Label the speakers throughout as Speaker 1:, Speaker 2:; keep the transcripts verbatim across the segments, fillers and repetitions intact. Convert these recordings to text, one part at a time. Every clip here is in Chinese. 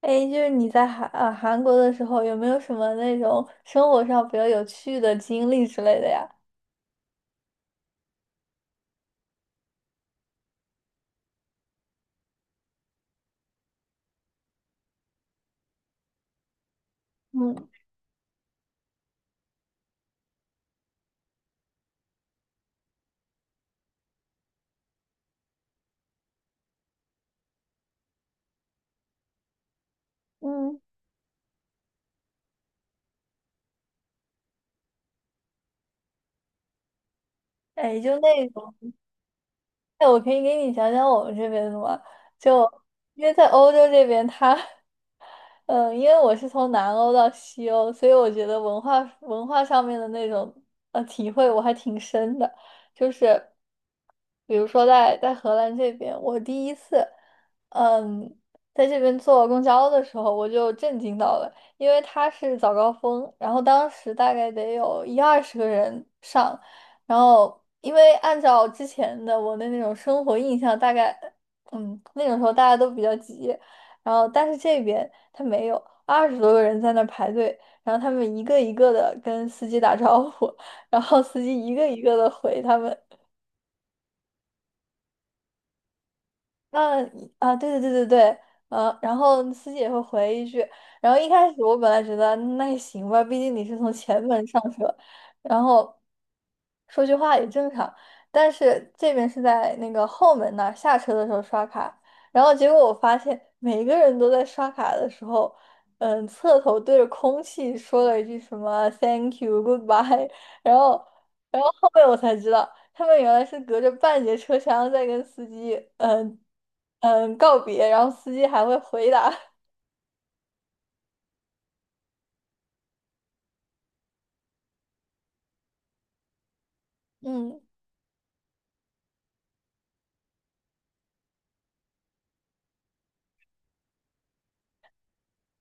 Speaker 1: 哎，就是你在韩呃韩国的时候，有没有什么那种生活上比较有趣的经历之类的呀？嗯。嗯。哎，就那种，哎，我可以给你讲讲我们这边的吗？就因为在欧洲这边，他。嗯，因为我是从南欧到西欧，所以我觉得文化文化上面的那种呃体会我还挺深的。就是比如说在在荷兰这边，我第一次嗯在这边坐公交的时候，我就震惊到了，因为它是早高峰，然后当时大概得有一二十个人上，然后因为按照之前的我的那种生活印象，大概嗯那种时候大家都比较急。然后但是这边他没有，二十多个人在那儿排队，然后他们一个一个的跟司机打招呼，然后司机一个一个的回他们。嗯啊，对对对对对。呃，然后司机也会回一句，然后一开始我本来觉得那也行吧，毕竟你是从前门上车，然后说句话也正常，但是这边是在那个后门那儿下车的时候刷卡，然后结果我发现每个人都在刷卡的时候，嗯，侧头对着空气说了一句什么 “Thank you, goodbye”，然后，然后后面我才知道。他们原来是隔着半截车厢在跟司机，嗯嗯告别，然后司机还会回答。嗯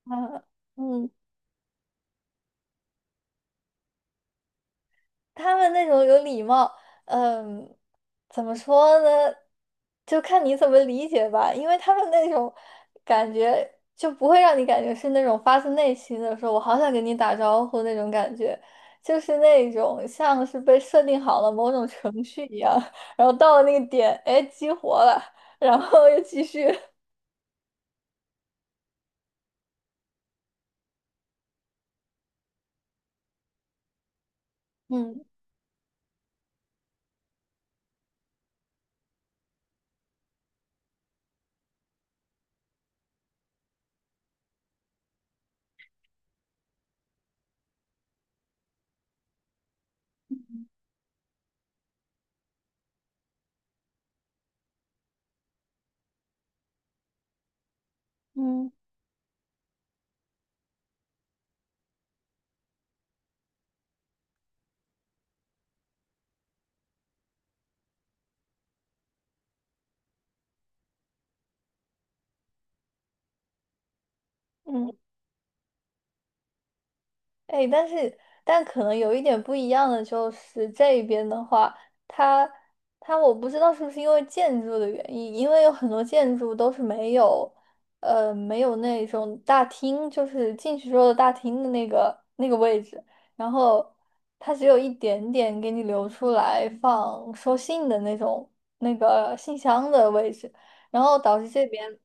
Speaker 1: 啊嗯。他们那种有礼貌，嗯，怎么说呢？就看你怎么理解吧，因为他们那种感觉就不会让你感觉是那种发自内心的说“我好想跟你打招呼”那种感觉，就是那种像是被设定好了某种程序一样，然后到了那个点，哎，激活了，然后又继续。嗯。嗯。嗯。哎，但是但可能有一点不一样的就是这边的话，它它我不知道是不是因为建筑的原因，因为有很多建筑都是没有，呃，没有那种大厅，就是进去之后的大厅的那个那个位置，然后它只有一点点给你留出来放收信的那种那个信箱的位置，然后导致这边。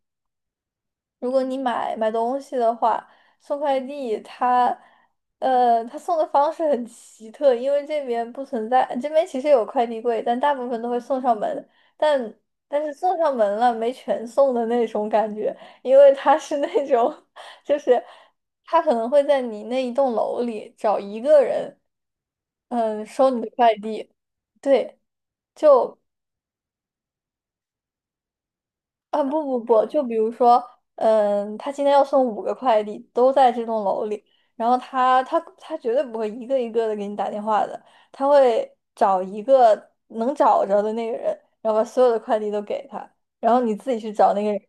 Speaker 1: 如果你买买东西的话，送快递他，呃，他送的方式很奇特，因为这边不存在，这边其实有快递柜，但大部分都会送上门，但但是送上门了没全送的那种感觉，因为他是那种，就是他可能会在你那一栋楼里找一个人，嗯，收你的快递，对，就。啊，不不不，就比如说，嗯，他今天要送五个快递，都在这栋楼里，然后他他他绝对不会一个一个的给你打电话的，他会找一个能找着的那个人，然后把所有的快递都给他，然后你自己去找那个人。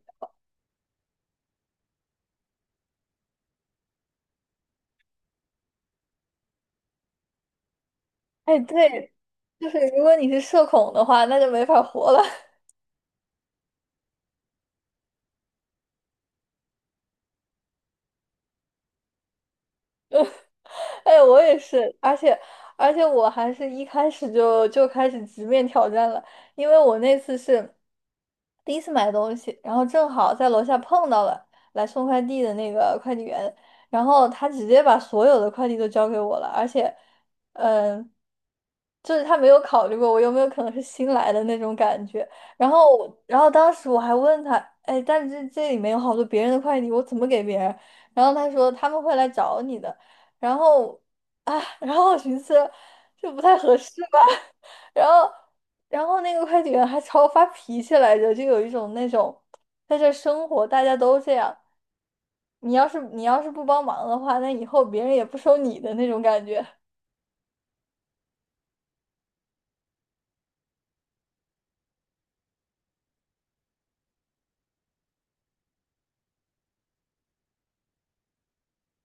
Speaker 1: 哎，对，就是如果你是社恐的话，那就没法活了。哎，我也是，而且而且我还是一开始就就开始直面挑战了，因为我那次是第一次买东西，然后正好在楼下碰到了来送快递的那个快递员，然后他直接把所有的快递都交给我了，而且，嗯，就是他没有考虑过我有没有可能是新来的那种感觉，然后我然后当时我还问他，哎，但是这这里面有好多别人的快递，我怎么给别人？然后他说他们会来找你的。然后啊，然后我寻思这不太合适吧，然后然后那个快递员还朝我发脾气来着，就有一种那种在这生活大家都这样，你要是你要是不帮忙的话，那以后别人也不收你的那种感觉。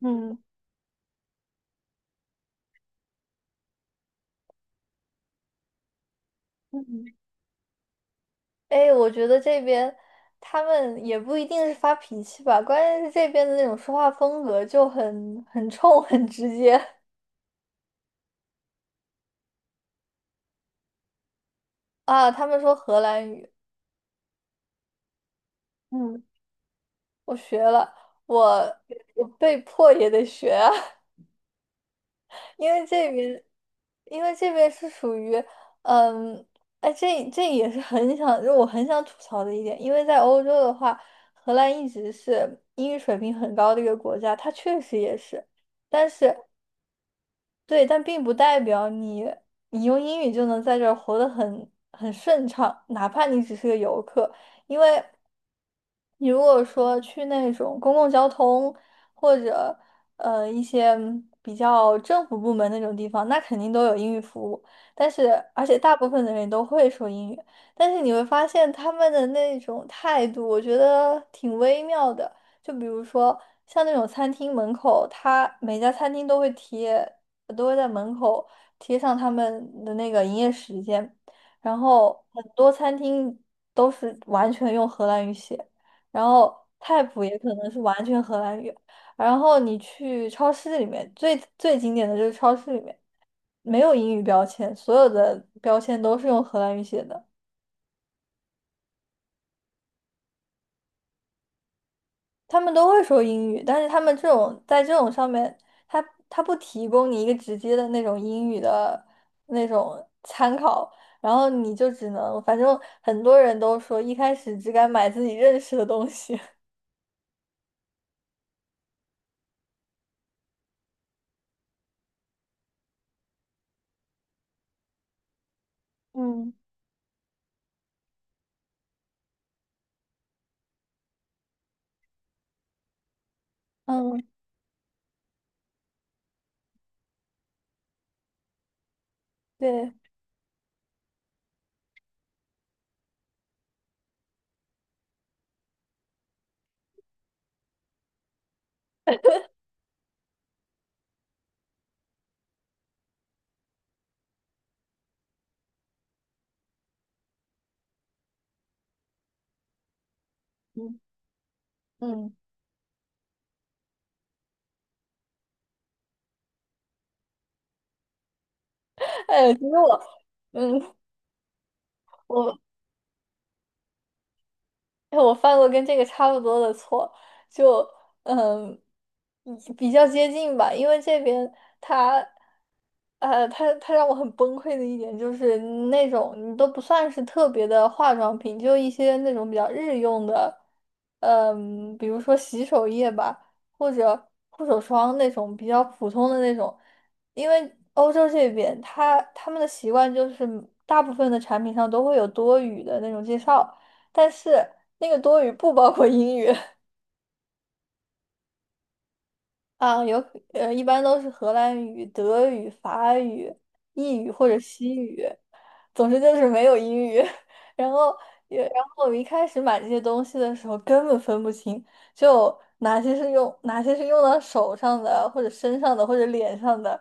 Speaker 1: 嗯。嗯。哎，我觉得这边他们也不一定是发脾气吧，关键是这边的那种说话风格就很很冲、很直接。 啊。他们说荷兰语。嗯，我学了，我我被迫也得学啊。因为这边，因为这边是属于，嗯，哎，这这也是很想，就我很想吐槽的一点，因为在欧洲的话，荷兰一直是英语水平很高的一个国家，它确实也是，但是。对，但并不代表你你用英语就能在这儿活得很很顺畅，哪怕你只是个游客，因为你如果说去那种公共交通或者呃一些嗯比较政府部门那种地方，那肯定都有英语服务，但是而且大部分的人都会说英语，但是你会发现他们的那种态度，我觉得挺微妙的。就比如说像那种餐厅门口，他每家餐厅都会贴。我都会在门口贴上他们的那个营业时间，然后很多餐厅都是完全用荷兰语写，然后菜谱也可能是完全荷兰语，然后你去超市里面，最最经典的就是超市里面没有英语标签，所有的标签都是用荷兰语写的。他们都会说英语，但是他们这种在这种上面，他他不提供你一个直接的那种英语的那种参考，然后你就只能，反正很多人都说一开始只敢买自己认识的东西。嗯。嗯。对。嗯。嗯。哎，其实我，嗯，我。哎，我犯过跟这个差不多的错，就嗯，嗯比较接近吧，因为这边他，呃，他他让我很崩溃的一点就是那种你都不算是特别的化妆品，就一些那种比较日用的，嗯，比如说洗手液吧，或者护手霜那种比较普通的那种，因为欧洲这边他他们的习惯就是大部分的产品上都会有多余的那种介绍。但是那个多语不包括英语。 啊，有呃，一般都是荷兰语、德语、法语、意语或者西语，总之就是没有英语。然后也，然后我一开始买这些东西的时候根本分不清，就哪些是用哪些是用到手上的，或者身上的，或者脸上的，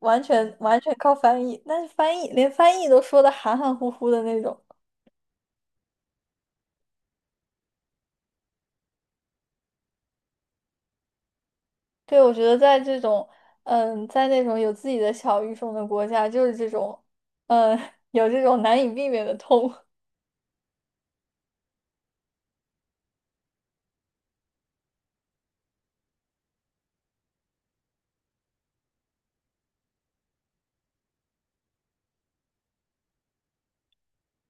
Speaker 1: 完全完全靠翻译。但是翻译连翻译都说的含含糊糊的那种。对，我觉得在这种，嗯，在那种有自己的小语种的国家，就是这种，嗯，有这种难以避免的痛。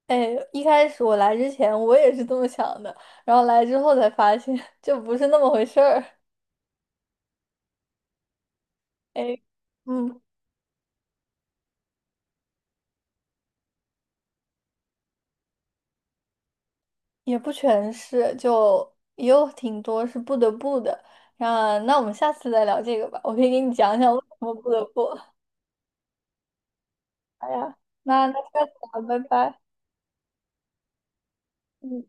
Speaker 1: 哎，一开始我来之前我也是这么想的，然后来之后才发现。 就不是那么回事儿。哎，嗯，也不全是，就也有挺多是不得不的。那那我们下次再聊这个吧，我可以给你讲讲为什么不得不。好呀，那那下次聊，拜拜。嗯。